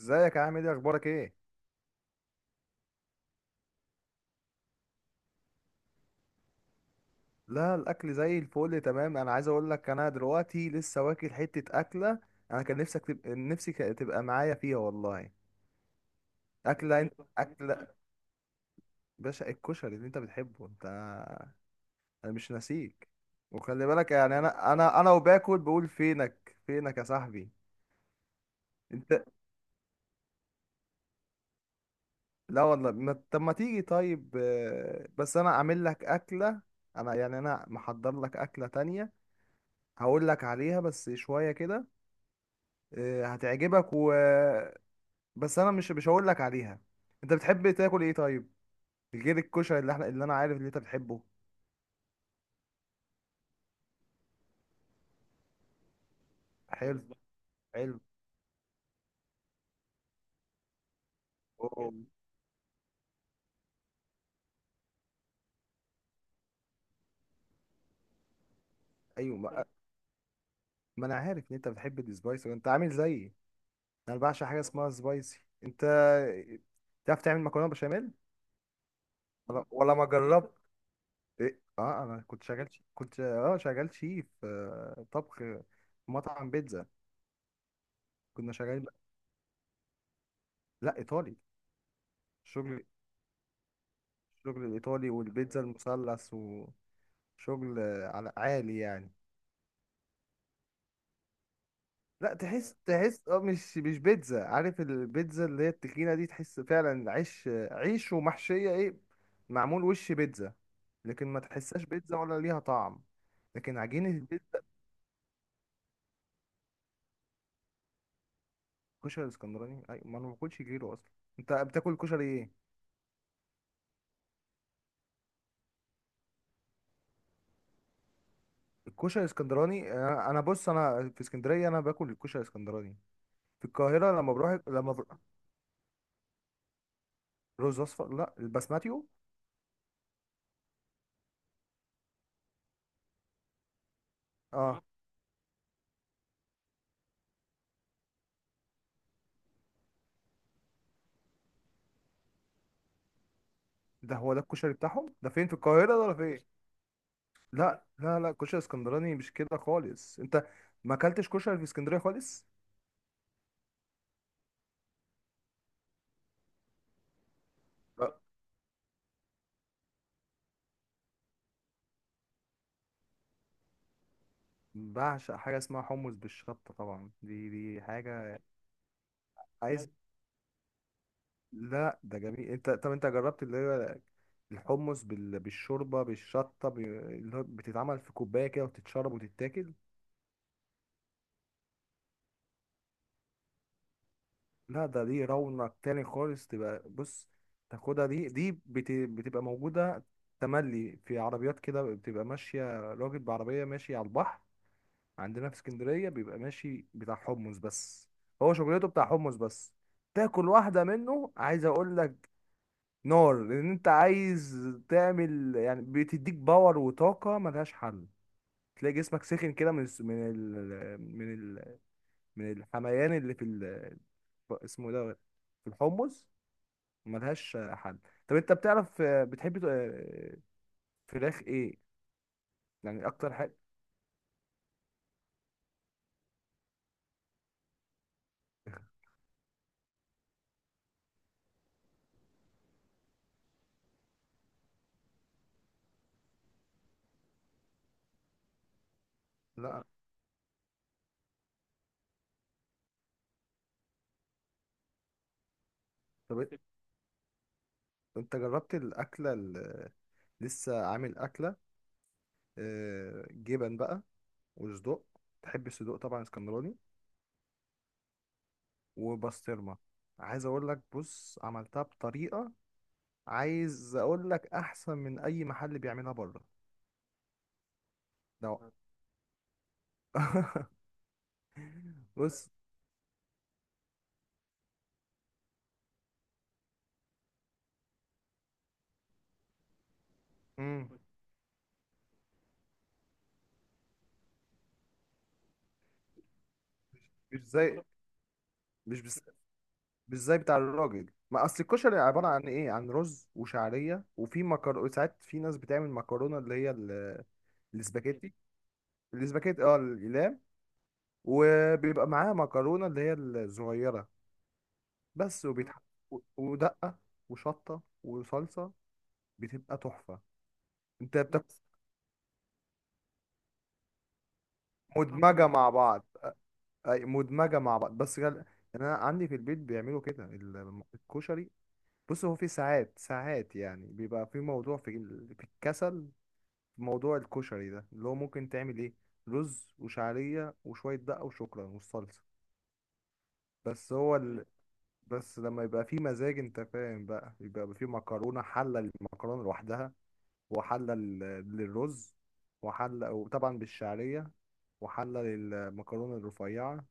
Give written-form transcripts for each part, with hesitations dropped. ازيك يا عامل ايه اخبارك ايه؟ لا، الاكل زي الفل تمام. انا عايز اقول لك انا دلوقتي لسه واكل حته اكله. انا كان نفسك تبقى، نفسي تبقى معايا فيها والله. اكله، انت اكله باشا، الكشري اللي انت بتحبه انت. انا مش ناسيك. وخلي بالك يعني انا وباكل بقول فينك فينك يا صاحبي. انت. لا والله ما... طب ما تيجي طيب، بس انا اعمل لك اكله. انا يعني انا محضر لك اكله تانية. هقول لك عليها بس شويه كده. هتعجبك و... بس انا مش هقول لك عليها. انت بتحب تاكل ايه طيب؟ غير الكشري اللي احنا، اللي انا عارف اللي انت بتحبه. حلو خلاص بقى. حلو. أوه. حلو. ايوه ما انا عارف ان انت بتحب السبايسي، وانت عامل زيي. انا بعشق حاجه اسمها سبايسي. انت تعرف تعمل مكرونه بشاميل؟ ولا ولا ما جربت. إيه؟ اه، انا كنت شغال كنت شغال شيف، طبخ في مطعم بيتزا. كنا شغالين. لا، ايطالي. شغل. الشغل الايطالي والبيتزا المثلث و... شغل على عالي يعني. لا تحس، تحس مش بيتزا. عارف البيتزا اللي هي التخينة دي؟ تحس فعلا عيش، عيش ومحشية ايه، معمول وش بيتزا. لكن ما تحسهاش بيتزا ولا ليها طعم. لكن عجينة البيتزا. الكشري الاسكندراني اي، ما انا ما باكلش غيره اصلا. انت بتاكل كشري ايه؟ الكشري الاسكندراني انا بص، انا في اسكندرية انا باكل الكشري الاسكندراني. في القاهرة، لما بروح لما بروح. رز اصفر؟ لا، البسماتيو. اه، ده هو ده الكشري بتاعهم. ده فين؟ في القاهرة ده ولا فين؟ لا، لا، لا، كشري اسكندراني مش كده خالص انت. ما اكلتش كشري في اسكندريه خالص. لا، بعشق حاجه اسمها حمص بالشطه طبعا، دي حاجه. عايز. لا ده جميل. انت، طب انت جربت اللي هو الحمص بالشوربه بالشطه اللي هو بتتعمل في كوبايه كده وتتشرب وتتاكل؟ لا، ده دي رونق تاني خالص. تبقى بص تاخدها، دي بتبقى موجوده. تملي في عربيات كده، بتبقى ماشيه راجل بعربيه ماشي على البحر. عندنا في اسكندرية بيبقى ماشي بتاع حمص بس. هو شغلته بتاع حمص بس. تاكل واحدة منه عايز اقول لك، نار. لان انت عايز تعمل يعني، بتديك باور وطاقة ملهاش حل. تلاقي جسمك سخن كده، من ال من الحميان اللي في ال... اسمه ده، في الحمص. ملهاش حل. طب انت بتعرف، بتحب فراخ ايه؟ يعني اكتر حاجة. لا. طب انت جربت الاكلة اللي لسه عامل اكلة؟ جبن بقى، وصدوق. تحب الصدوق طبعا اسكندراني، وبسطرمه. عايز اقول لك، بص عملتها بطريقه. عايز اقول لك احسن من اي محل بيعملها بره. ده بص. مم. مش زي. مش بس مش زي بتاع الراجل. ما اصل الكشري عباره عن ايه؟ عن رز وشعريه، وفي مكرونه ساعات. في ناس بتعمل مكرونه اللي هي الاسباجيتي. الاسباجيتي، الاقلام. وبيبقى معاها مكرونه اللي هي الصغيره بس. ودقة وشطة وصلصة. بتبقى تحفة. انت بتاكل مدمجة مع بعض. اي، مدمجة مع بعض بس يعني انا عندي في البيت بيعملوا كده الكشري. بص، هو في ساعات ساعات يعني بيبقى في موضوع في في الكسل، في موضوع الكشري ده. اللي هو ممكن تعمل ايه؟ رز وشعرية وشوية دقة وشكرا والصلصة بس. هو بس لما يبقى في مزاج، انت فاهم بقى، يبقى في مكرونة. حلة المكرونة لوحدها، وحلة للرز، وحلة وطبعا بالشعرية، وحلة للمكرونة الرفيعة،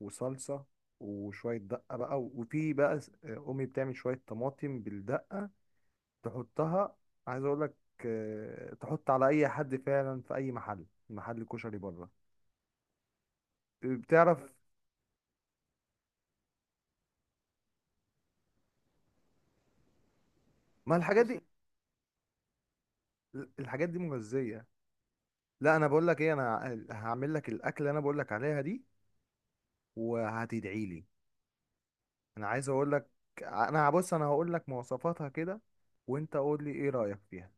وصلصة، وشوية دقة بقى. وفي بقى أمي بتعمل شوية طماطم بالدقة، تحطها. عايز أقولك، تحط على أي حد فعلا في أي محل كشري بره. بتعرف؟ ما الحاجات دي، الحاجات دي مغذية. لا، أنا بقولك إيه، أنا هعمل لك الأكل اللي أنا بقولك عليها دي، وهتدعي لي. انا عايز اقول لك. انا بص، انا هقول لك مواصفاتها كده، وانت قول لي ايه رأيك فيها.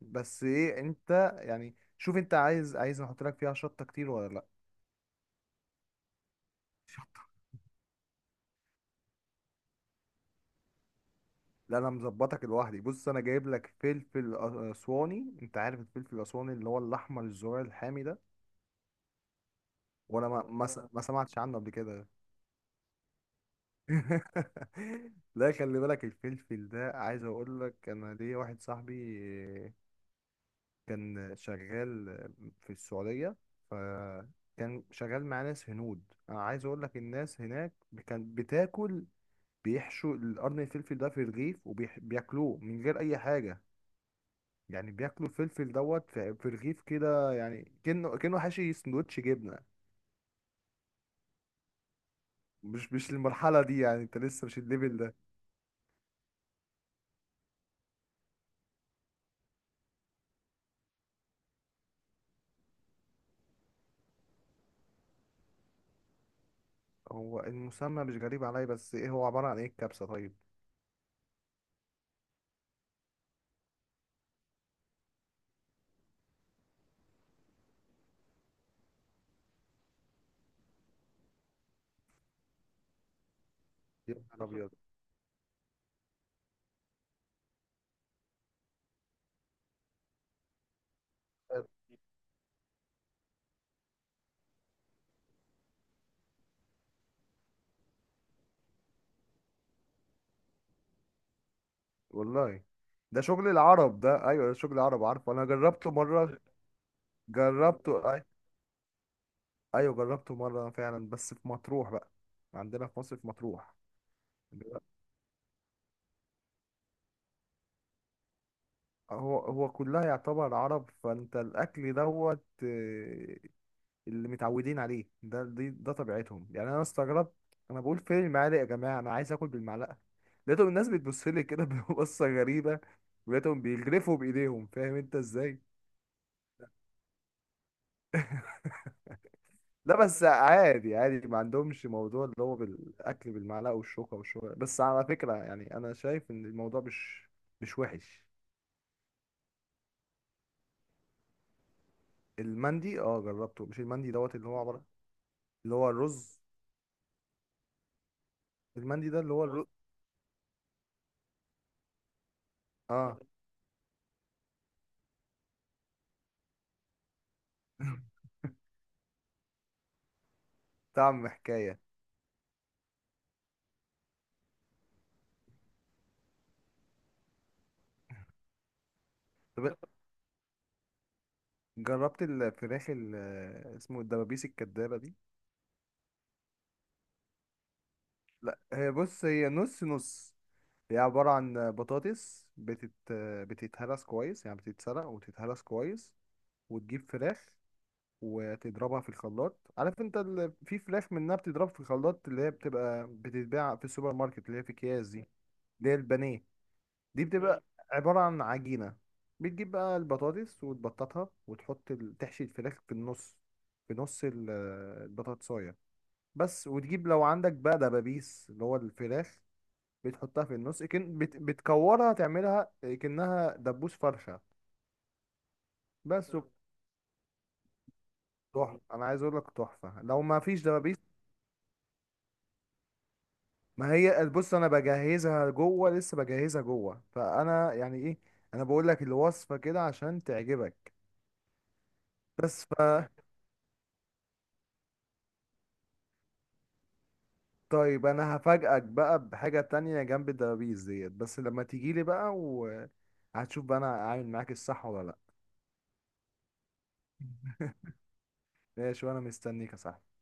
بس ايه انت، يعني شوف انت عايز احط لك فيها شطة كتير ولا لا؟ لا، انا مظبطك لوحدي. بص انا جايب لك فلفل اسواني. انت عارف الفلفل الاسواني اللي هو الاحمر الزرار الحامي ده؟ ولا ما ما, ما سمعتش عنه قبل كده؟ لا، خلي بالك، الفلفل ده عايز اقول لك، انا ليا واحد صاحبي كان شغال في السعودية. فكان شغال مع ناس هنود. أنا عايز أقول لك الناس هناك كانت بتاكل، بيحشوا القرن الفلفل ده في رغيف وبياكلوه من غير أي حاجة. يعني بياكلوا الفلفل دوت في رغيف كده، يعني كأنه حاشي سندوتش جبنة. مش المرحلة دي يعني. أنت لسه مش الليفل ده. هو المسمى مش غريب عليا، بس إيه هو عبارة عن إيه الكبسة طيب؟ يا نهار أبيض. والله ده شغل العرب. ده ايوه، ده شغل العرب، عارفه انا جربته مره. جربته أي... ايوه جربته مره فعلا، بس في مطروح بقى. عندنا في مصر في مطروح. هو هو كلها يعتبر عرب. فانت الاكل دوت، اللي متعودين عليه ده، دي ده طبيعتهم يعني. انا استغربت، انا بقول فين المعالق يا جماعه، انا عايز اكل بالمعلقه. لقيتهم الناس بتبص لي كده ببصه غريبه. ولقيتهم بيجرفوا بايديهم، فاهم انت ازاي؟ لا بس عادي عادي، ما عندهمش موضوع اللي هو بالاكل بالمعلقه والشوكه. والشوكه بس على فكره، يعني انا شايف ان الموضوع مش وحش. المندي، جربته. مش المندي دوت اللي هو عباره، اللي هو الرز. المندي ده اللي هو الرز. اه طعم حكايه. طب جربت الفراخ اسمه الدبابيس الكدابه دي؟ لا، هي بص، هي نص نص. هي عباره عن بطاطس بتتهرس كويس، يعني بتتسلق وتتهرس كويس. وتجيب فراخ، وتضربها في الخلاط. عارف انت في فراخ منها بتضرب في الخلاط، اللي هي بتبقى بتتباع في السوبر ماركت اللي هي في اكياس دي. اللي هي البانيه دي. بتبقى عبارة عن عجينة. بتجيب بقى البطاطس وتبططها، وتحط تحشي الفراخ في النص، في نص البطاطساية بس. وتجيب لو عندك بقى دبابيس اللي هو الفراخ، بتحطها في النص. كن بتكورها تعملها كأنها دبوس فرخة بس. تحفة. انا عايز اقول لك تحفة. لو ما فيش دبابيس، ما هي بص انا بجهزها جوه. لسه بجهزها جوه، فانا يعني ايه، انا بقول لك الوصفه كده عشان تعجبك. بس ف... طيب، انا هفاجئك بقى بحاجه تانية جنب الدبابيس ديت. بس لما تيجي لي بقى، وهتشوف بقى انا عامل معاك الصح ولا لا. ماشي، وانا مستنيك يا صاحبي.